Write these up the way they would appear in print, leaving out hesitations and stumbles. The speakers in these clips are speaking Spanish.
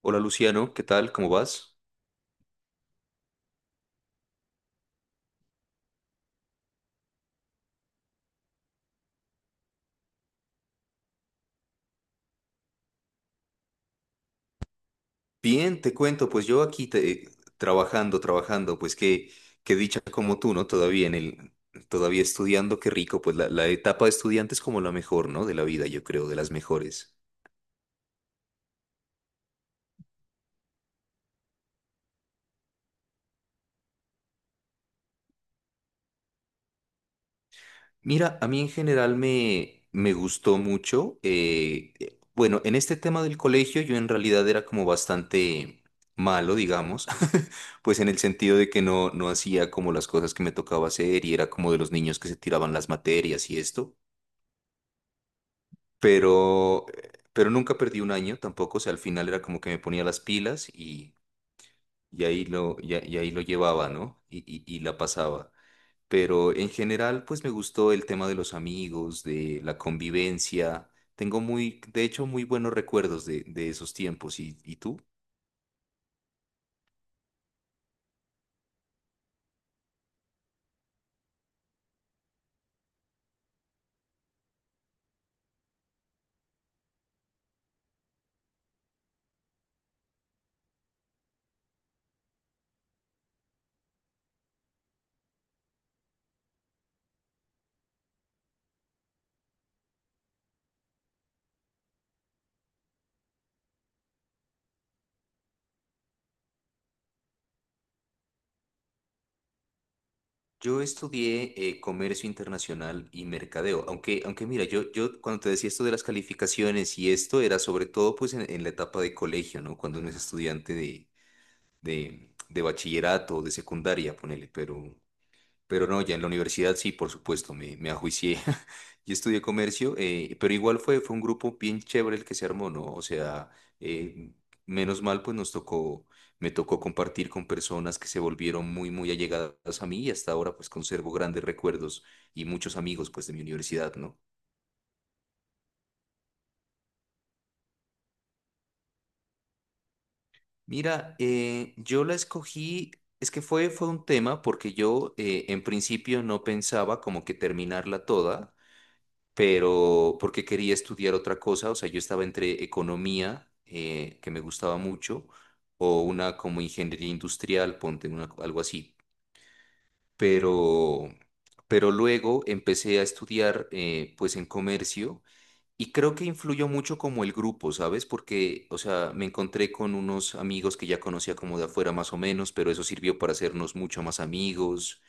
Hola Luciano, ¿qué tal? ¿Cómo vas? Bien, te cuento, pues yo aquí trabajando, trabajando, pues qué dicha como tú, ¿no? Todavía en todavía estudiando, qué rico, pues la etapa de estudiante es como la mejor, ¿no? De la vida, yo creo, de las mejores. Mira, a mí en general me gustó mucho. Bueno, en este tema del colegio yo en realidad era como bastante malo, digamos, pues en el sentido de que no hacía como las cosas que me tocaba hacer y era como de los niños que se tiraban las materias y esto. pero, pero nunca perdí un año tampoco, o sea, al final era como que me ponía las pilas, y ahí lo, y, a- y ahí lo llevaba, ¿no? Y la pasaba. Pero en general, pues me gustó el tema de los amigos, de la convivencia. Tengo muy, de hecho, muy buenos recuerdos de esos tiempos. Y tú? Yo estudié comercio internacional y mercadeo, aunque mira, yo cuando te decía esto de las calificaciones y esto era sobre todo pues en la etapa de colegio, ¿no? Cuando uno es estudiante de bachillerato, de secundaria, ponele, pero no, ya en la universidad sí, por supuesto, me ajuicié. Y estudié comercio, pero igual fue un grupo bien chévere el que se armó, ¿no? O sea, eh, menos mal, pues nos me tocó compartir con personas que se volvieron muy allegadas a mí y hasta ahora, pues conservo grandes recuerdos y muchos amigos, pues, de mi universidad, ¿no? Mira, yo la escogí, es que fue un tema porque yo en principio no pensaba como que terminarla toda, pero porque quería estudiar otra cosa, o sea, yo estaba entre economía, que me gustaba mucho, o una como ingeniería industrial, ponte una, algo así, pero, pero luego empecé a estudiar pues en comercio. Y creo que influyó mucho como el grupo, ¿sabes? Porque, o sea, me encontré con unos amigos que ya conocía como de afuera más o menos, pero eso sirvió para hacernos mucho más amigos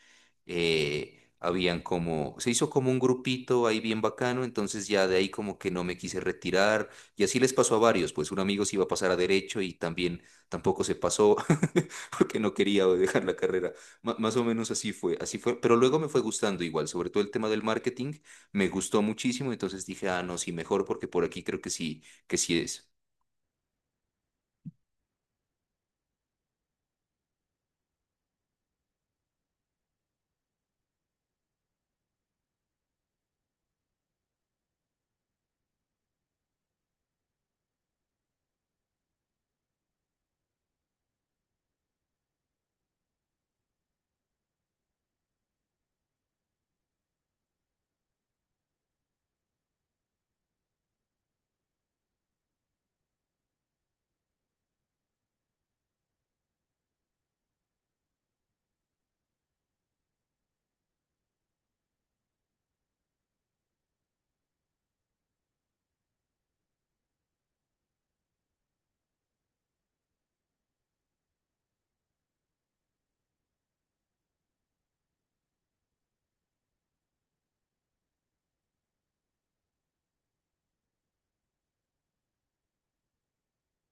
habían como, se hizo como un grupito ahí bien bacano, entonces ya de ahí como que no me quise retirar y así les pasó a varios, pues un amigo se iba a pasar a derecho y también tampoco se pasó porque no quería dejar la carrera. Más o menos así fue, pero luego me fue gustando igual, sobre todo el tema del marketing, me gustó muchísimo, entonces dije, ah, no, sí, mejor porque por aquí creo que sí es.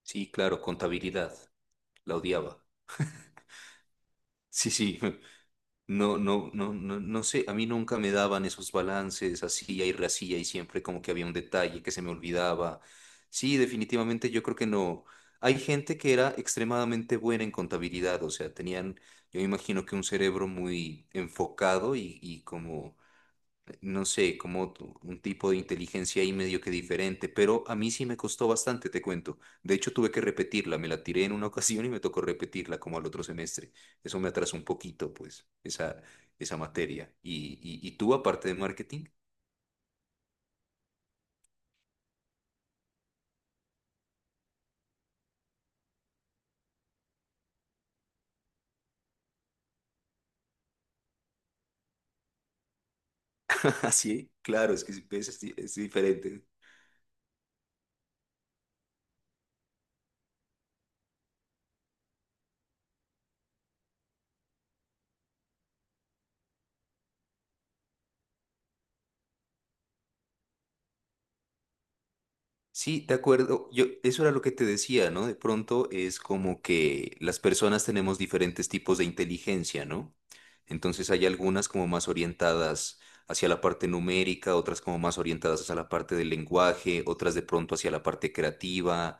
Sí, claro, contabilidad, la odiaba. Sí, sí. No, no sé, a mí nunca me daban esos balances así y racía y siempre como que había un detalle que se me olvidaba. Sí, definitivamente yo creo que no. Hay gente que era extremadamente buena en contabilidad, o sea, tenían, yo me imagino que un cerebro muy enfocado y como no sé, como un tipo de inteligencia ahí medio que diferente, pero a mí sí me costó bastante, te cuento. De hecho, tuve que repetirla, me la tiré en una ocasión y me tocó repetirla como al otro semestre. Eso me atrasó un poquito, pues, esa materia. Y tú, aparte de marketing, así, claro, es que es diferente. Sí, de acuerdo. Yo, eso era lo que te decía, ¿no? De pronto es como que las personas tenemos diferentes tipos de inteligencia, ¿no? Entonces hay algunas como más orientadas hacia la parte numérica, otras como más orientadas hacia la parte del lenguaje, otras de pronto hacia la parte creativa.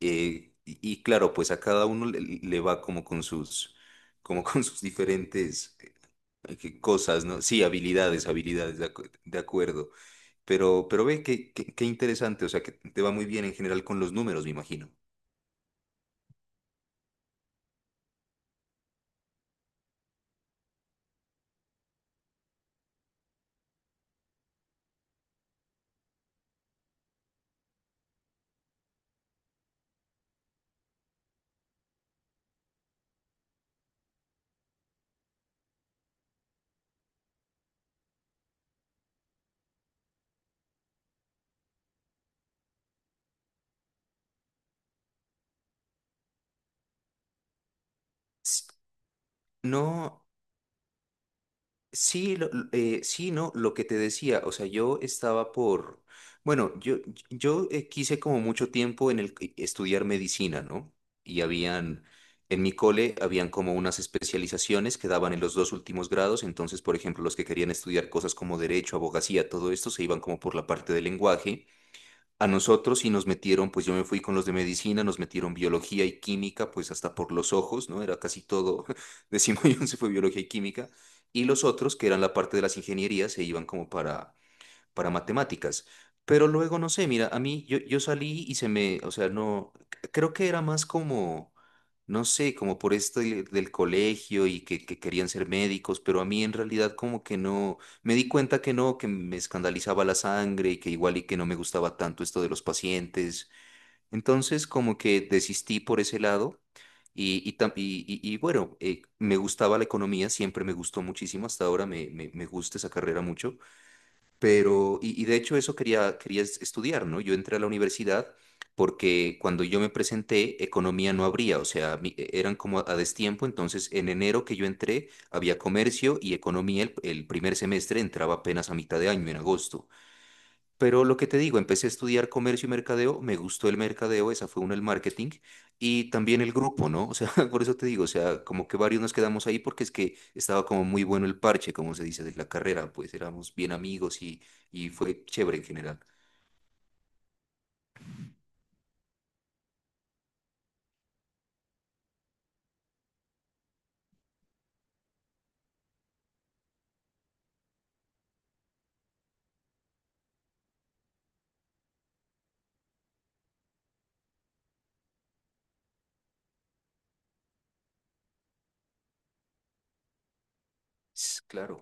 Y claro, pues a cada uno le va como con sus diferentes cosas, ¿no? Sí, habilidades, habilidades, de acuerdo. Pero ve qué interesante, o sea, que te va muy bien en general con los números, me imagino. S- No. Sí, sí, no, lo que te decía, o sea, yo estaba por, bueno, yo quise como mucho tiempo estudiar medicina, ¿no? Y habían, en mi cole, habían como unas especializaciones que daban en los dos últimos grados, entonces, por ejemplo, los que querían estudiar cosas como derecho, abogacía, todo esto, se iban como por la parte del lenguaje a nosotros y nos metieron, pues yo me fui con los de medicina, nos metieron biología y química, pues hasta por los ojos, ¿no? Era casi todo, décimo y once fue biología y química, y los otros, que eran la parte de las ingenierías, se iban como para matemáticas. Pero luego, no sé, mira, a mí yo salí y se me, o sea, no, creo que era más como, no sé, como por esto del colegio que querían ser médicos, pero a mí en realidad como que no, me di cuenta que no, que me escandalizaba la sangre y que igual y que no me gustaba tanto esto de los pacientes. Entonces como que desistí por ese lado. Y bueno, me gustaba la economía, siempre me gustó muchísimo, hasta ahora me gusta esa carrera mucho, y de hecho eso estudiar, ¿no? Yo entré a la universidad porque cuando yo me presenté, economía no habría, o sea, eran como a destiempo, entonces en enero que yo entré, había comercio y economía el primer semestre entraba apenas a mitad de año, en agosto. Pero lo que te digo, empecé a estudiar comercio y mercadeo, me gustó el mercadeo, esa fue una, el marketing, y también el grupo, ¿no? O sea, por eso te digo, o sea, como que varios nos quedamos ahí porque es que estaba como muy bueno el parche, como se dice, de la carrera, pues éramos bien amigos y fue chévere en general. Claro.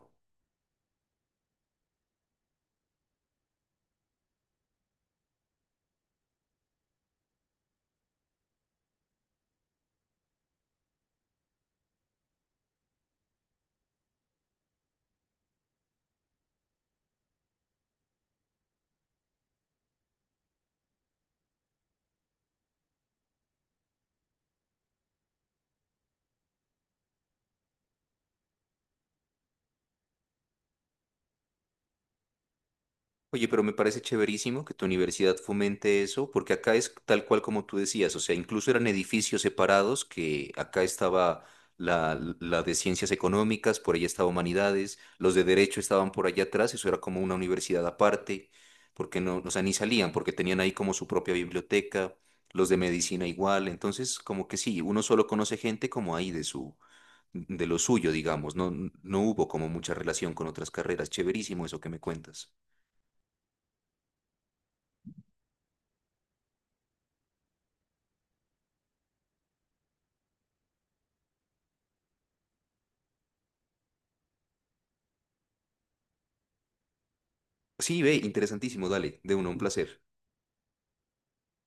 Oye, pero me parece chéverísimo que tu universidad fomente eso, porque acá es tal cual como tú decías, o sea, incluso eran edificios separados, que acá estaba la de ciencias económicas, por allá estaba humanidades, los de derecho estaban por allá atrás, eso era como una universidad aparte, porque no, o sea, ni salían, porque tenían ahí como su propia biblioteca, los de medicina igual, entonces como que sí, uno solo conoce gente como ahí de su, de lo suyo, digamos, no, no hubo como mucha relación con otras carreras, chéverísimo eso que me cuentas. Sí, ve, interesantísimo, dale, de uno, un placer.